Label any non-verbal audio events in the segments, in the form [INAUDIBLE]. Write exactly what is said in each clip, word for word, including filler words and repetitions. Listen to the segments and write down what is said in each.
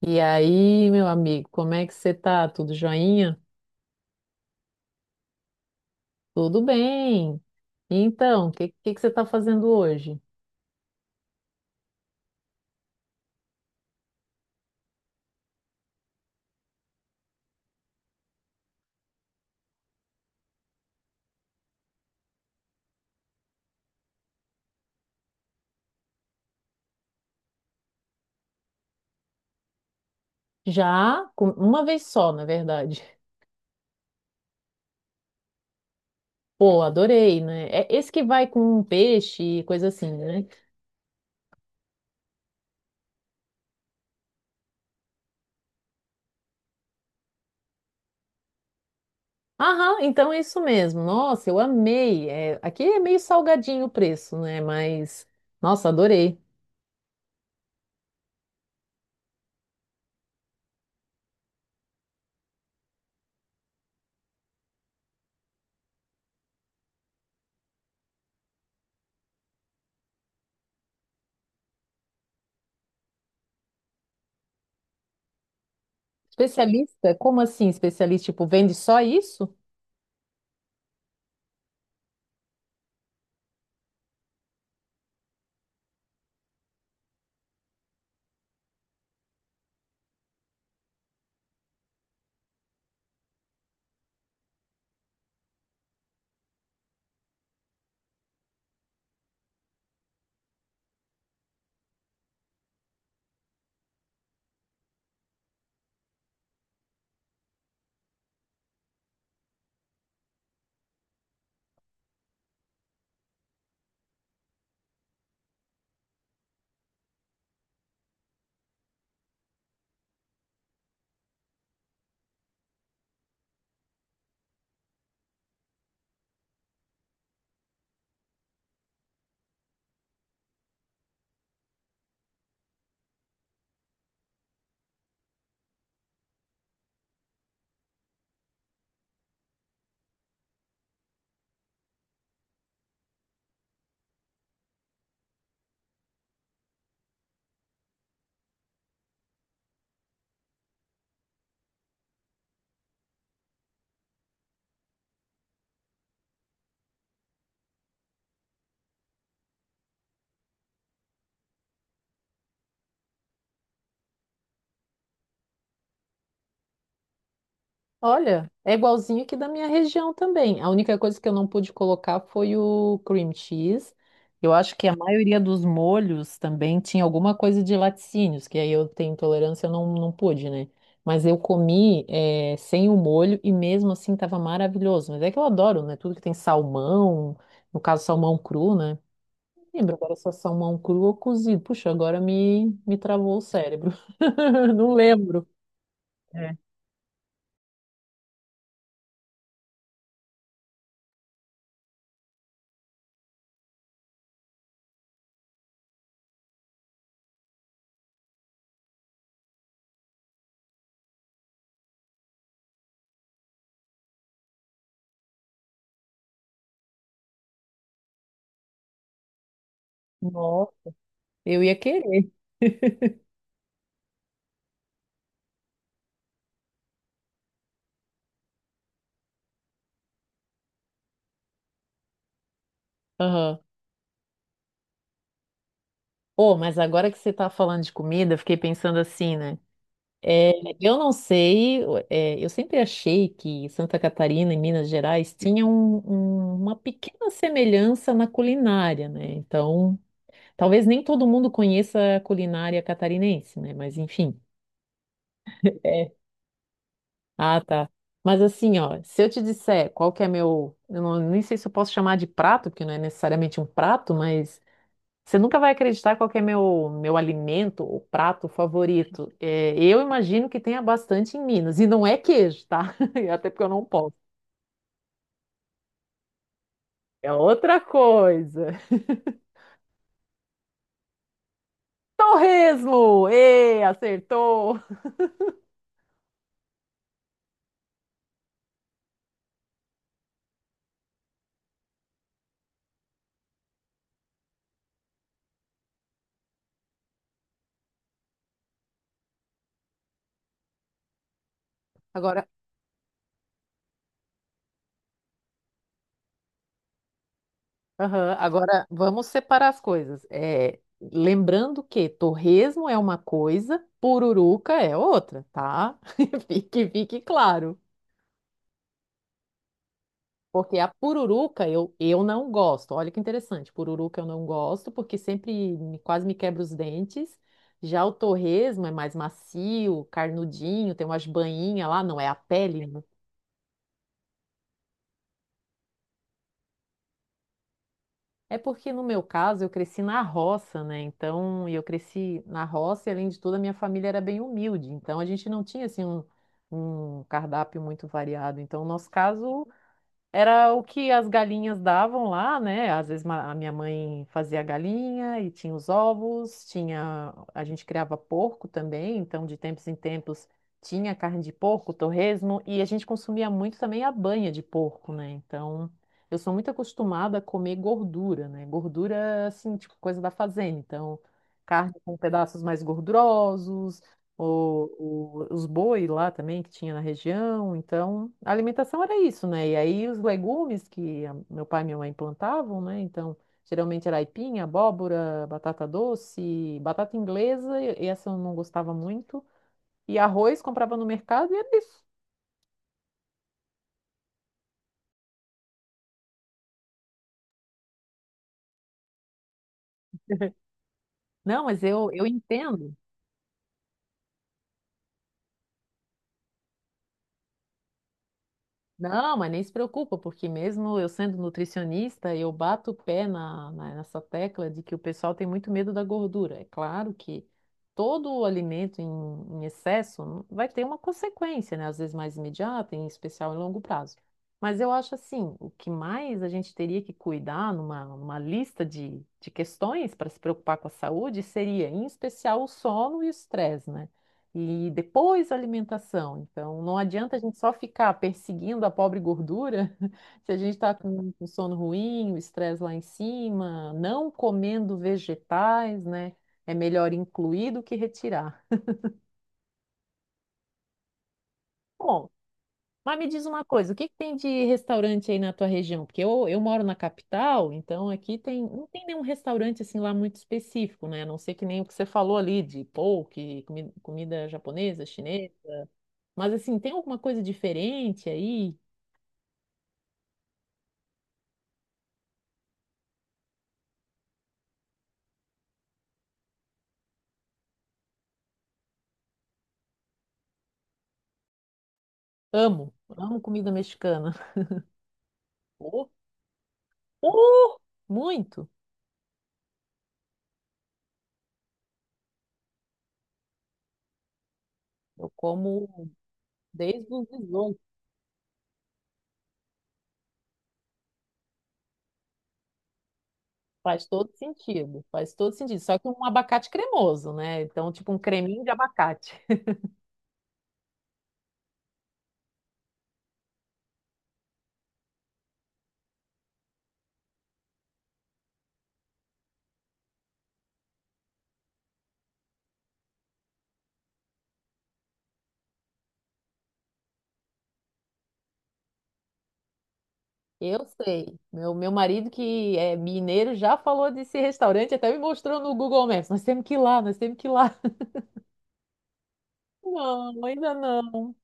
E aí, meu amigo, como é que você tá? Tudo joinha? Tudo bem. Então, o que, que, que você tá fazendo hoje? Já com- uma vez só, na verdade. Pô, adorei, né? É esse que vai com um peixe e coisa assim, né? Aham, então é isso mesmo. Nossa, eu amei. É, aqui é meio salgadinho o preço, né? Mas, nossa, adorei. Especialista? Como assim especialista? Tipo, vende só isso? Olha, é igualzinho aqui da minha região também. A única coisa que eu não pude colocar foi o cream cheese. Eu acho que a maioria dos molhos também tinha alguma coisa de laticínios, que aí eu tenho intolerância, eu não, não pude, né? Mas eu comi eh, sem o molho e mesmo assim estava maravilhoso. Mas é que eu adoro, né? Tudo que tem salmão, no caso salmão cru, né? Não lembro agora se é salmão cru ou cozido. Puxa, agora me, me travou o cérebro. [LAUGHS] Não lembro. É. Nossa, eu ia querer. Aham. Oh, mas agora que você tá falando de comida, eu fiquei pensando assim, né? É, eu não sei, é, eu sempre achei que Santa Catarina e Minas Gerais tinham um- um- uma pequena semelhança na culinária, né? Então, talvez nem todo mundo conheça a culinária catarinense, né? Mas enfim. É. Ah, tá. Mas assim, ó, se eu te disser qual que é meu, eu não, nem sei se eu posso chamar de prato, porque não é necessariamente um prato, mas você nunca vai acreditar qual que é meu, meu alimento ou prato favorito. É, eu imagino que tenha bastante em Minas. E não é queijo, tá? [LAUGHS] Até porque eu não posso. É outra coisa. Torresmo! Ê, acertou! Agora, aham, agora vamos separar as coisas. É, lembrando que torresmo é uma coisa, pururuca é outra, tá? [LAUGHS] Que fique claro. Porque a pururuca eu, eu não gosto. Olha que interessante. Pururuca eu não gosto, porque sempre me- quase me quebra os dentes. Já o torresmo é mais macio, carnudinho, tem umas banhinhas lá, não é a pele, né? É porque no meu caso eu cresci na roça, né? Então, e eu cresci na roça e além de tudo a minha família era bem humilde. Então a gente não tinha assim um, um cardápio muito variado. Então, no nosso caso era o que as galinhas davam lá, né? Às vezes ma- a minha mãe fazia a galinha e tinha os ovos, tinha, a gente criava porco também, então de tempos em tempos tinha carne de porco, torresmo e a gente consumia muito também a banha de porco, né? Então eu sou muito acostumada a comer gordura, né? Gordura assim, tipo coisa da fazenda, então carne com pedaços mais gordurosos, o- o- os boi lá também que tinha na região. Então, a alimentação era isso, né? E aí os legumes que a- meu pai e minha mãe plantavam, né? Então, geralmente era aipim, abóbora, batata doce, batata inglesa, e- essa eu não gostava muito. E arroz comprava no mercado e era isso. Não, mas eu, eu entendo. Não, mas nem se preocupa, porque mesmo eu sendo nutricionista, eu bato o pé na, na- nessa tecla de que o pessoal tem muito medo da gordura. É claro que todo o alimento em, em excesso vai ter uma consequência, né? Às vezes mais imediata, em especial em longo prazo. Mas eu acho assim, o que mais a gente teria que cuidar numa, numa lista de, de questões para se preocupar com a saúde seria, em especial, o sono e o estresse, né? E depois a alimentação. Então, não adianta a gente só ficar perseguindo a pobre gordura [LAUGHS] se a gente está com com sono ruim, o estresse lá em cima, não comendo vegetais, né? É melhor incluir do que retirar. Bom, mas me diz uma coisa, o que que tem de restaurante aí na tua região? Porque eu, eu moro na capital, então aqui tem, não tem nenhum restaurante assim lá muito específico, né? A não ser que nem o que você falou ali de poke, comi- comida japonesa, chinesa. Mas assim, tem alguma coisa diferente aí? Amo, amo comida mexicana. Oh, oh, [LAUGHS] muito. Eu como desde os dezoito. Faz todo sentido, faz todo sentido. Só que um abacate cremoso, né? Então, tipo um creminho de abacate. Eu sei. Meu, meu marido, que é mineiro, já falou desse restaurante, até me mostrou no Google Maps. Nós temos que ir lá, nós temos que ir lá. [LAUGHS] Não, ainda não.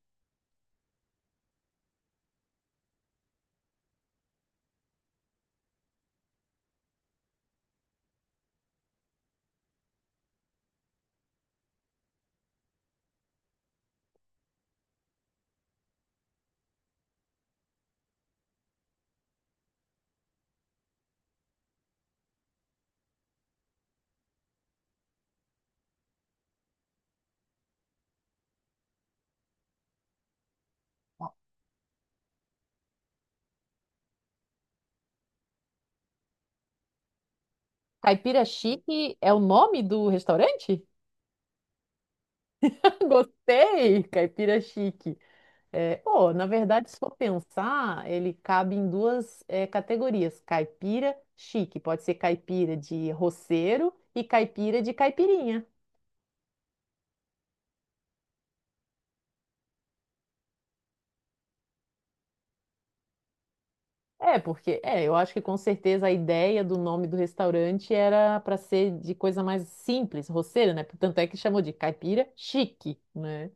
Caipira Chique é o nome do restaurante? [LAUGHS] Gostei, Caipira Chique. É, pô, na verdade, se for pensar, ele cabe em duas é, categorias: caipira chique, pode ser caipira de roceiro e caipira de caipirinha. É, porque é, eu acho que com certeza a ideia do nome do restaurante era para ser de coisa mais simples, roceiro, né? Tanto é que chamou de caipira chique, né?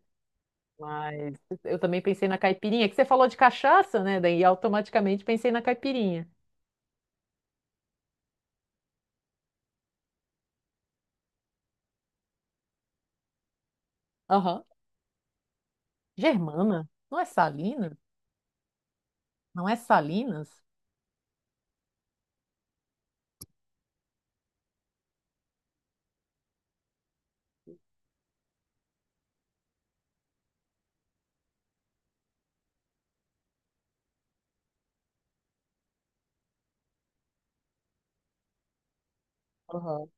Mas eu também pensei na caipirinha, que você falou de cachaça, né? Daí automaticamente pensei na caipirinha. Aham. Germana? Não é Salina? Não é Salinas? Aham.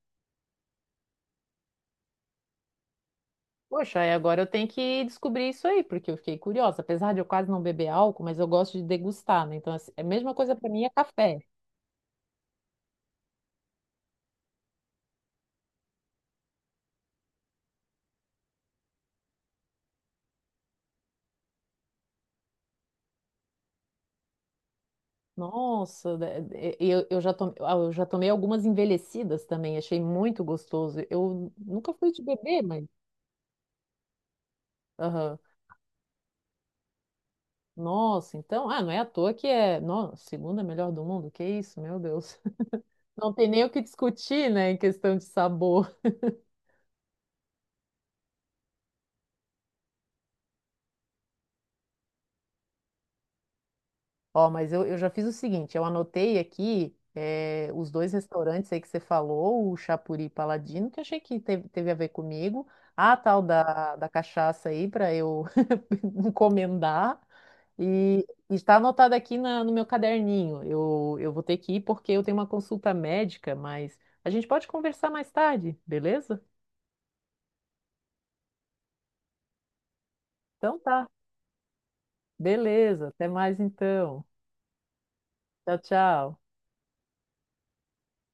Poxa, aí agora eu tenho que descobrir isso aí, porque eu fiquei curiosa. Apesar de eu quase não beber álcool, mas eu gosto de degustar, né? Então, assim, é a mesma coisa para mim é café. Nossa, da- e- e eu, eu já tomei, ah, eu já tomei algumas envelhecidas também, achei muito gostoso. Eu nunca fui de beber, mas. Aham. Nossa, então, ah, não é à toa que é, nossa, segunda melhor do mundo, que isso, meu Deus. [LAUGHS] Não tem nem o que discutir, né, em questão de sabor. Ó, mas eu, eu já fiz o seguinte, eu anotei aqui eh, os dois restaurantes aí que você falou, o Chapuri e Paladino, que eu achei que teve, teve a ver comigo. A tal da, da cachaça aí para eu [LAUGHS] encomendar. E e está anotado aqui na- no meu caderninho. Eu, eu vou ter que ir porque eu tenho uma consulta médica, mas a gente pode conversar mais tarde, beleza? Então tá, beleza. Até mais então. Tchau, tchau.